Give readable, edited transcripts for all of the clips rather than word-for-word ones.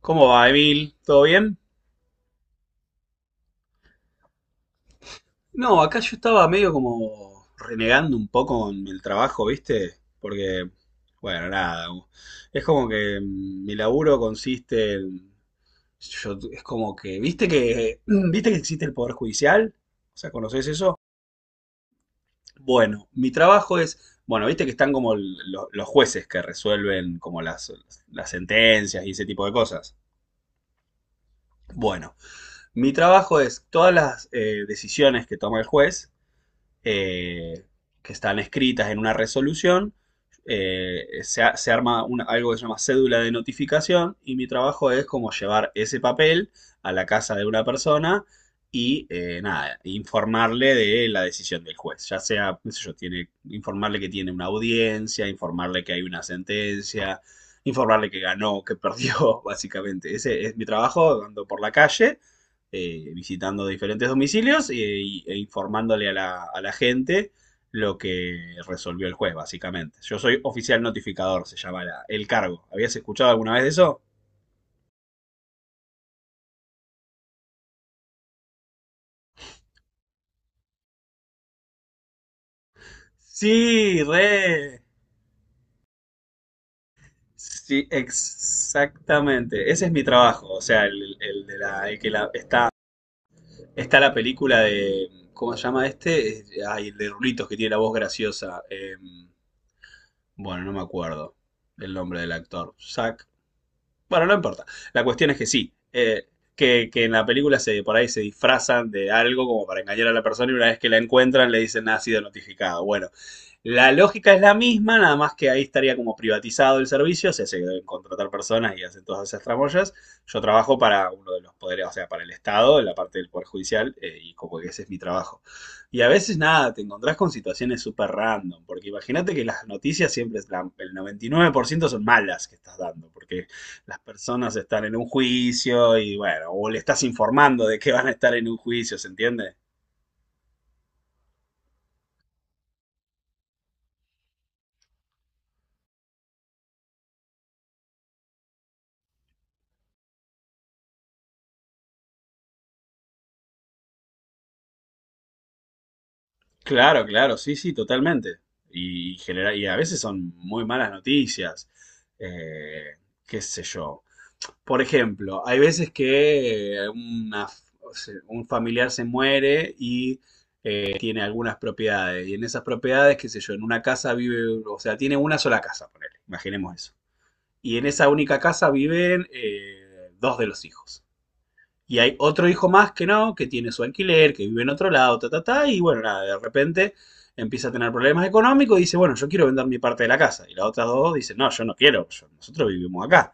¿Cómo va, Emil? ¿Todo bien? No, acá yo estaba medio como renegando un poco con el trabajo, ¿viste? Porque, bueno, nada. Es como que mi laburo consiste en... es como que, ¿viste que existe el Poder Judicial? O sea, ¿conocés eso? Bueno, mi trabajo es, bueno, viste que están como los jueces que resuelven como las sentencias y ese tipo de cosas. Bueno, mi trabajo es todas las decisiones que toma el juez eh, que están escritas en una resolución. Se, se arma algo que se llama cédula de notificación y mi trabajo es como llevar ese papel a la casa de una persona y nada, informarle de la decisión del juez, ya sea, qué sé yo, tiene, informarle que tiene una audiencia, informarle que hay una sentencia, informarle que ganó, que perdió, básicamente. Ese es mi trabajo, ando por la calle visitando diferentes domicilios e informándole a a la gente lo que resolvió el juez, básicamente. Yo soy oficial notificador, se llama el cargo. ¿Habías escuchado alguna vez de eso? Sí, re. Sí, exactamente. Ese es mi trabajo. O sea, el de el que está, está la película de, ¿cómo se llama este? Ay, el de Rulitos que tiene la voz graciosa. Bueno, no me acuerdo el nombre del actor. Zac. Bueno, no importa. La cuestión es que sí, que en la película se, por ahí se disfrazan de algo como para engañar a la persona y una vez que la encuentran le dicen: "Ah, ha sido notificado". Bueno, la lógica es la misma, nada más que ahí estaría como privatizado el servicio, o sea, se deben contratar personas y hacen todas esas tramoyas. Yo trabajo para uno de los poderes, o sea, para el Estado, en la parte del Poder Judicial, y como que ese es mi trabajo. Y a veces nada, te encontrás con situaciones súper random, porque imagínate que las noticias siempre, es el 99% son malas que estás dando, porque las personas están en un juicio y bueno, o le estás informando de que van a estar en un juicio, ¿se entiende? Claro, claro, sí, sí, totalmente. Y, y a veces son muy malas noticias. Eh, qué sé yo. Por ejemplo, hay veces que una o sea, un familiar se muere y tiene algunas propiedades. Y en esas propiedades, qué sé yo, en una casa vive, o sea, tiene una sola casa, ponele, imaginemos eso. Y en esa única casa viven dos de los hijos. Y hay otro hijo más que no, que tiene su alquiler, que vive en otro lado, ta, ta, ta, y bueno, nada, de repente empieza a tener problemas económicos y dice, bueno, yo quiero vender mi parte de la casa. Y las otras dos dicen, no, yo no quiero, nosotros vivimos acá.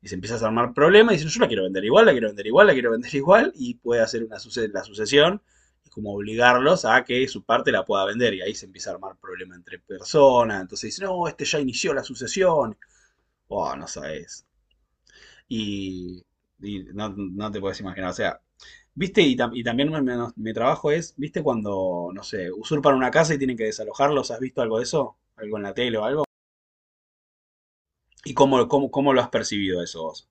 Y se empieza a armar problemas y dicen, yo la quiero vender igual, la quiero vender igual, la quiero vender igual, y puede hacer una la sucesión y como obligarlos a que su parte la pueda vender. Y ahí se empieza a armar problema entre personas. Entonces dicen, no, este ya inició la sucesión. Oh, no sabes. Y, y no, no te puedes imaginar, o sea, viste, y, y también mi trabajo es, viste, cuando, no sé, usurpan una casa y tienen que desalojarlos, ¿has visto algo de eso? ¿Algo en la tele o algo? ¿Y cómo lo has percibido eso vos?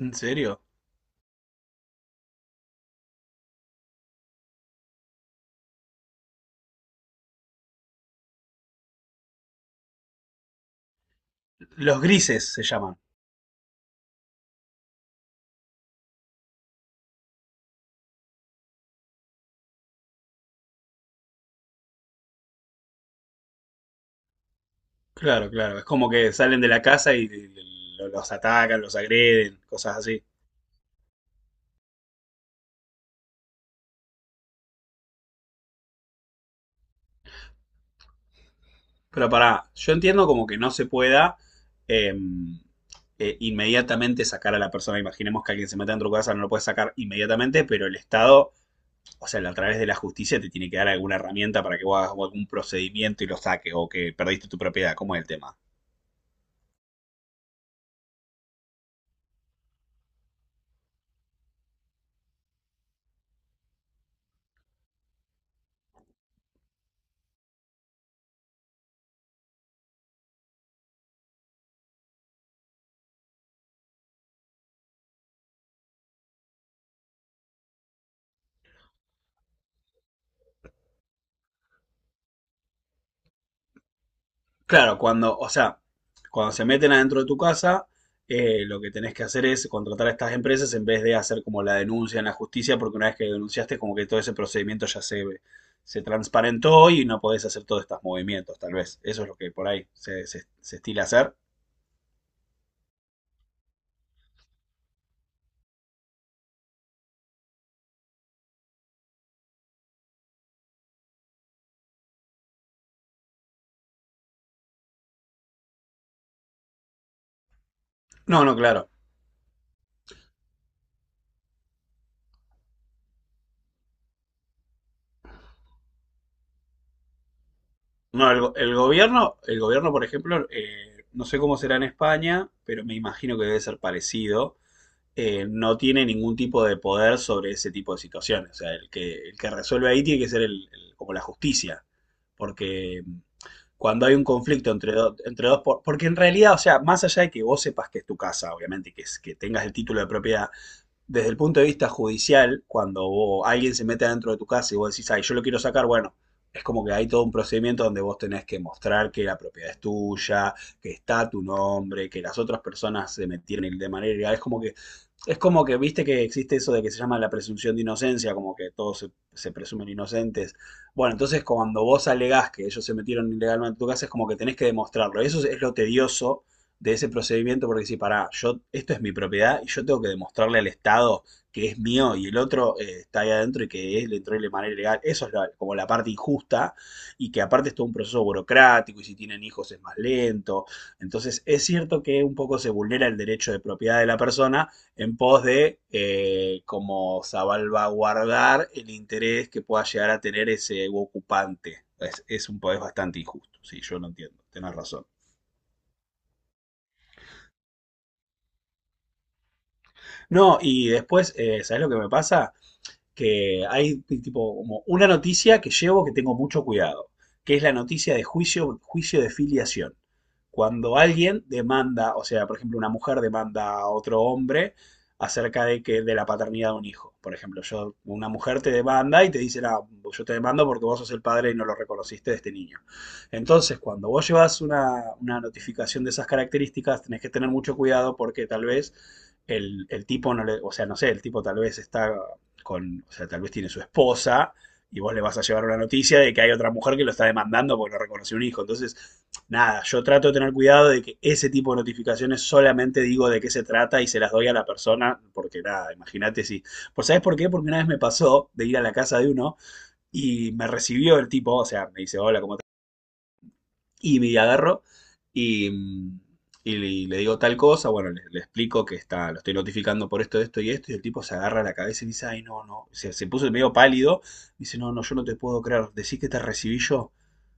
¿En serio? Los grises se llaman. Claro, claro, es como que salen de la casa y los atacan, los agreden, cosas así. Pero pará, yo entiendo como que no se pueda em, inmediatamente sacar a la persona. Imaginemos que alguien se meta en tu casa, no lo puedes sacar inmediatamente, pero el Estado, o sea, a través de la justicia te tiene que dar alguna herramienta para que vos hagas algún procedimiento y lo saques o que perdiste tu propiedad. ¿Cómo es el tema? Claro, cuando, o sea, cuando se meten adentro de tu casa, lo que tenés que hacer es contratar a estas empresas en vez de hacer como la denuncia en la justicia, porque una vez que denunciaste, como que todo ese procedimiento ya se transparentó y no podés hacer todos estos movimientos, tal vez. Eso es lo que por ahí se, se estila hacer. No, no, claro. No, el gobierno, por ejemplo, no sé cómo será en España, pero me imagino que debe ser parecido. No tiene ningún tipo de poder sobre ese tipo de situaciones. O sea, el que resuelve ahí tiene que ser el, como la justicia. Porque cuando hay un conflicto entre, entre dos, porque en realidad, o sea, más allá de que vos sepas que es tu casa, obviamente, que, que tengas el título de propiedad, desde el punto de vista judicial, cuando alguien se mete adentro de tu casa y vos decís, ay, yo lo quiero sacar, bueno, es como que hay todo un procedimiento donde vos tenés que mostrar que la propiedad es tuya, que está tu nombre, que las otras personas se metieron de manera ilegal. Es como que, viste que existe eso de que se llama la presunción de inocencia, como que todos se, se presumen inocentes. Bueno, entonces cuando vos alegás que ellos se metieron ilegalmente en tu casa, es como que tenés que demostrarlo. Eso es lo tedioso de ese procedimiento porque si pará, yo, esto es mi propiedad y yo tengo que demostrarle al Estado que es mío y el otro está ahí adentro y que él entró de manera ilegal. Eso es como la parte injusta y que aparte es todo un proceso burocrático y si tienen hijos es más lento. Entonces es cierto que un poco se vulnera el derecho de propiedad de la persona en pos de como salvaguardar el interés que pueda llegar a tener ese ocupante. Es un poder bastante injusto, sí, yo lo entiendo, tenés razón. No, y después, ¿sabes lo que me pasa? Que hay tipo como una noticia que llevo que tengo mucho cuidado, que es la noticia de juicio, juicio de filiación. Cuando alguien demanda, o sea, por ejemplo, una mujer demanda a otro hombre acerca de que de la paternidad de un hijo. Por ejemplo, yo, una mujer te demanda y te dice: "Ah, yo te demando porque vos sos el padre y no lo reconociste de este niño". Entonces, cuando vos llevas una notificación de esas características, tenés que tener mucho cuidado porque tal vez el tipo no le, o sea, no sé, el tipo tal vez está con, o sea, tal vez tiene su esposa y vos le vas a llevar una noticia de que hay otra mujer que lo está demandando porque no reconoció un hijo. Entonces, nada, yo trato de tener cuidado de que ese tipo de notificaciones solamente digo de qué se trata y se las doy a la persona, porque nada, imagínate si... Pues ¿sabes por qué? Porque una vez me pasó de ir a la casa de uno y me recibió el tipo, o sea, me dice, hola, ¿cómo? Y me agarro y, y le digo tal cosa, bueno, le explico que está, lo estoy notificando por esto, esto y esto, y el tipo se agarra la cabeza y dice, ay, no, no, se puso medio pálido, dice, no, no, yo no te puedo creer, decís que te recibí yo.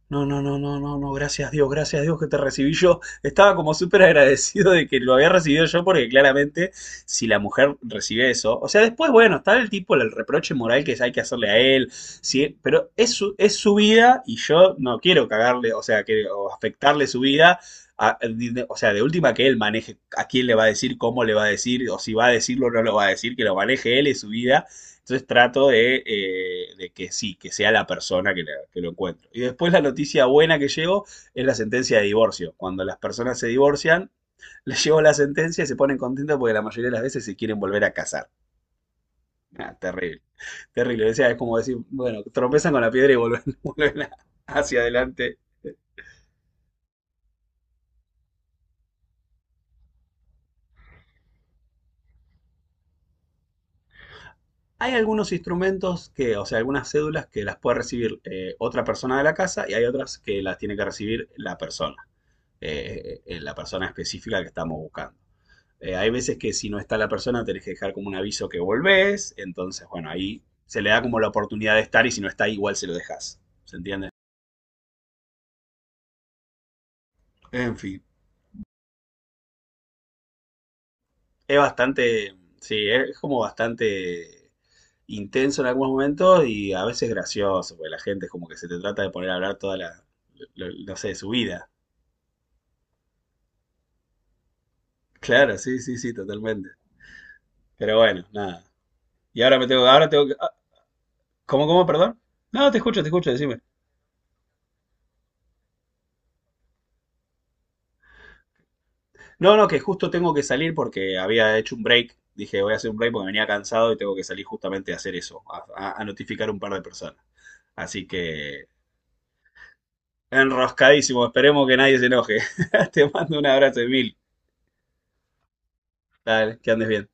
No, no, no, no, no, no, gracias Dios que te recibí yo. Estaba como súper agradecido de que lo había recibido yo, porque claramente si la mujer recibe eso, o sea, después, bueno, está el tipo, el reproche moral que hay que hacerle a él, ¿sí? Pero es su vida y yo no quiero cagarle, o sea, que, o afectarle su vida. a- o sea, de última que él maneje a quién le va a decir, cómo le va a decir, o si va a decirlo o no lo va a decir, que lo maneje él y su vida, entonces trato de que sí, que sea la persona que, que lo encuentro. Y después la noticia buena que llevo es la sentencia de divorcio. Cuando las personas se divorcian, les llevo la sentencia y se ponen contentos porque la mayoría de las veces se quieren volver a casar. Ah, terrible, terrible. O sea, es como decir, bueno, tropezan con la piedra y vuelven, hacia adelante. Hay algunos instrumentos que, o sea, algunas cédulas que las puede recibir otra persona de la casa y hay otras que las tiene que recibir la persona específica que estamos buscando. Hay veces que si no está la persona tenés que dejar como un aviso que volvés, entonces bueno, ahí se le da como la oportunidad de estar y si no está igual se lo dejas, ¿se entiende? En fin. Es bastante, sí, es como bastante intenso en algunos momentos y a veces gracioso, porque la gente es como que se te trata de poner a hablar toda la, no sé, su vida. Claro, sí, sí, sí, totalmente. Pero bueno, nada. Y ahora me tengo, ahora tengo que, ah, perdón? No, te escucho, decime. No, no, que justo tengo que salir porque había hecho un break. Dije, voy a hacer un break porque venía cansado y tengo que salir justamente a hacer eso, a notificar a un par de personas. Así que, enroscadísimo, esperemos que nadie se enoje. Te mando un abrazo, Emil. Dale, que andes bien.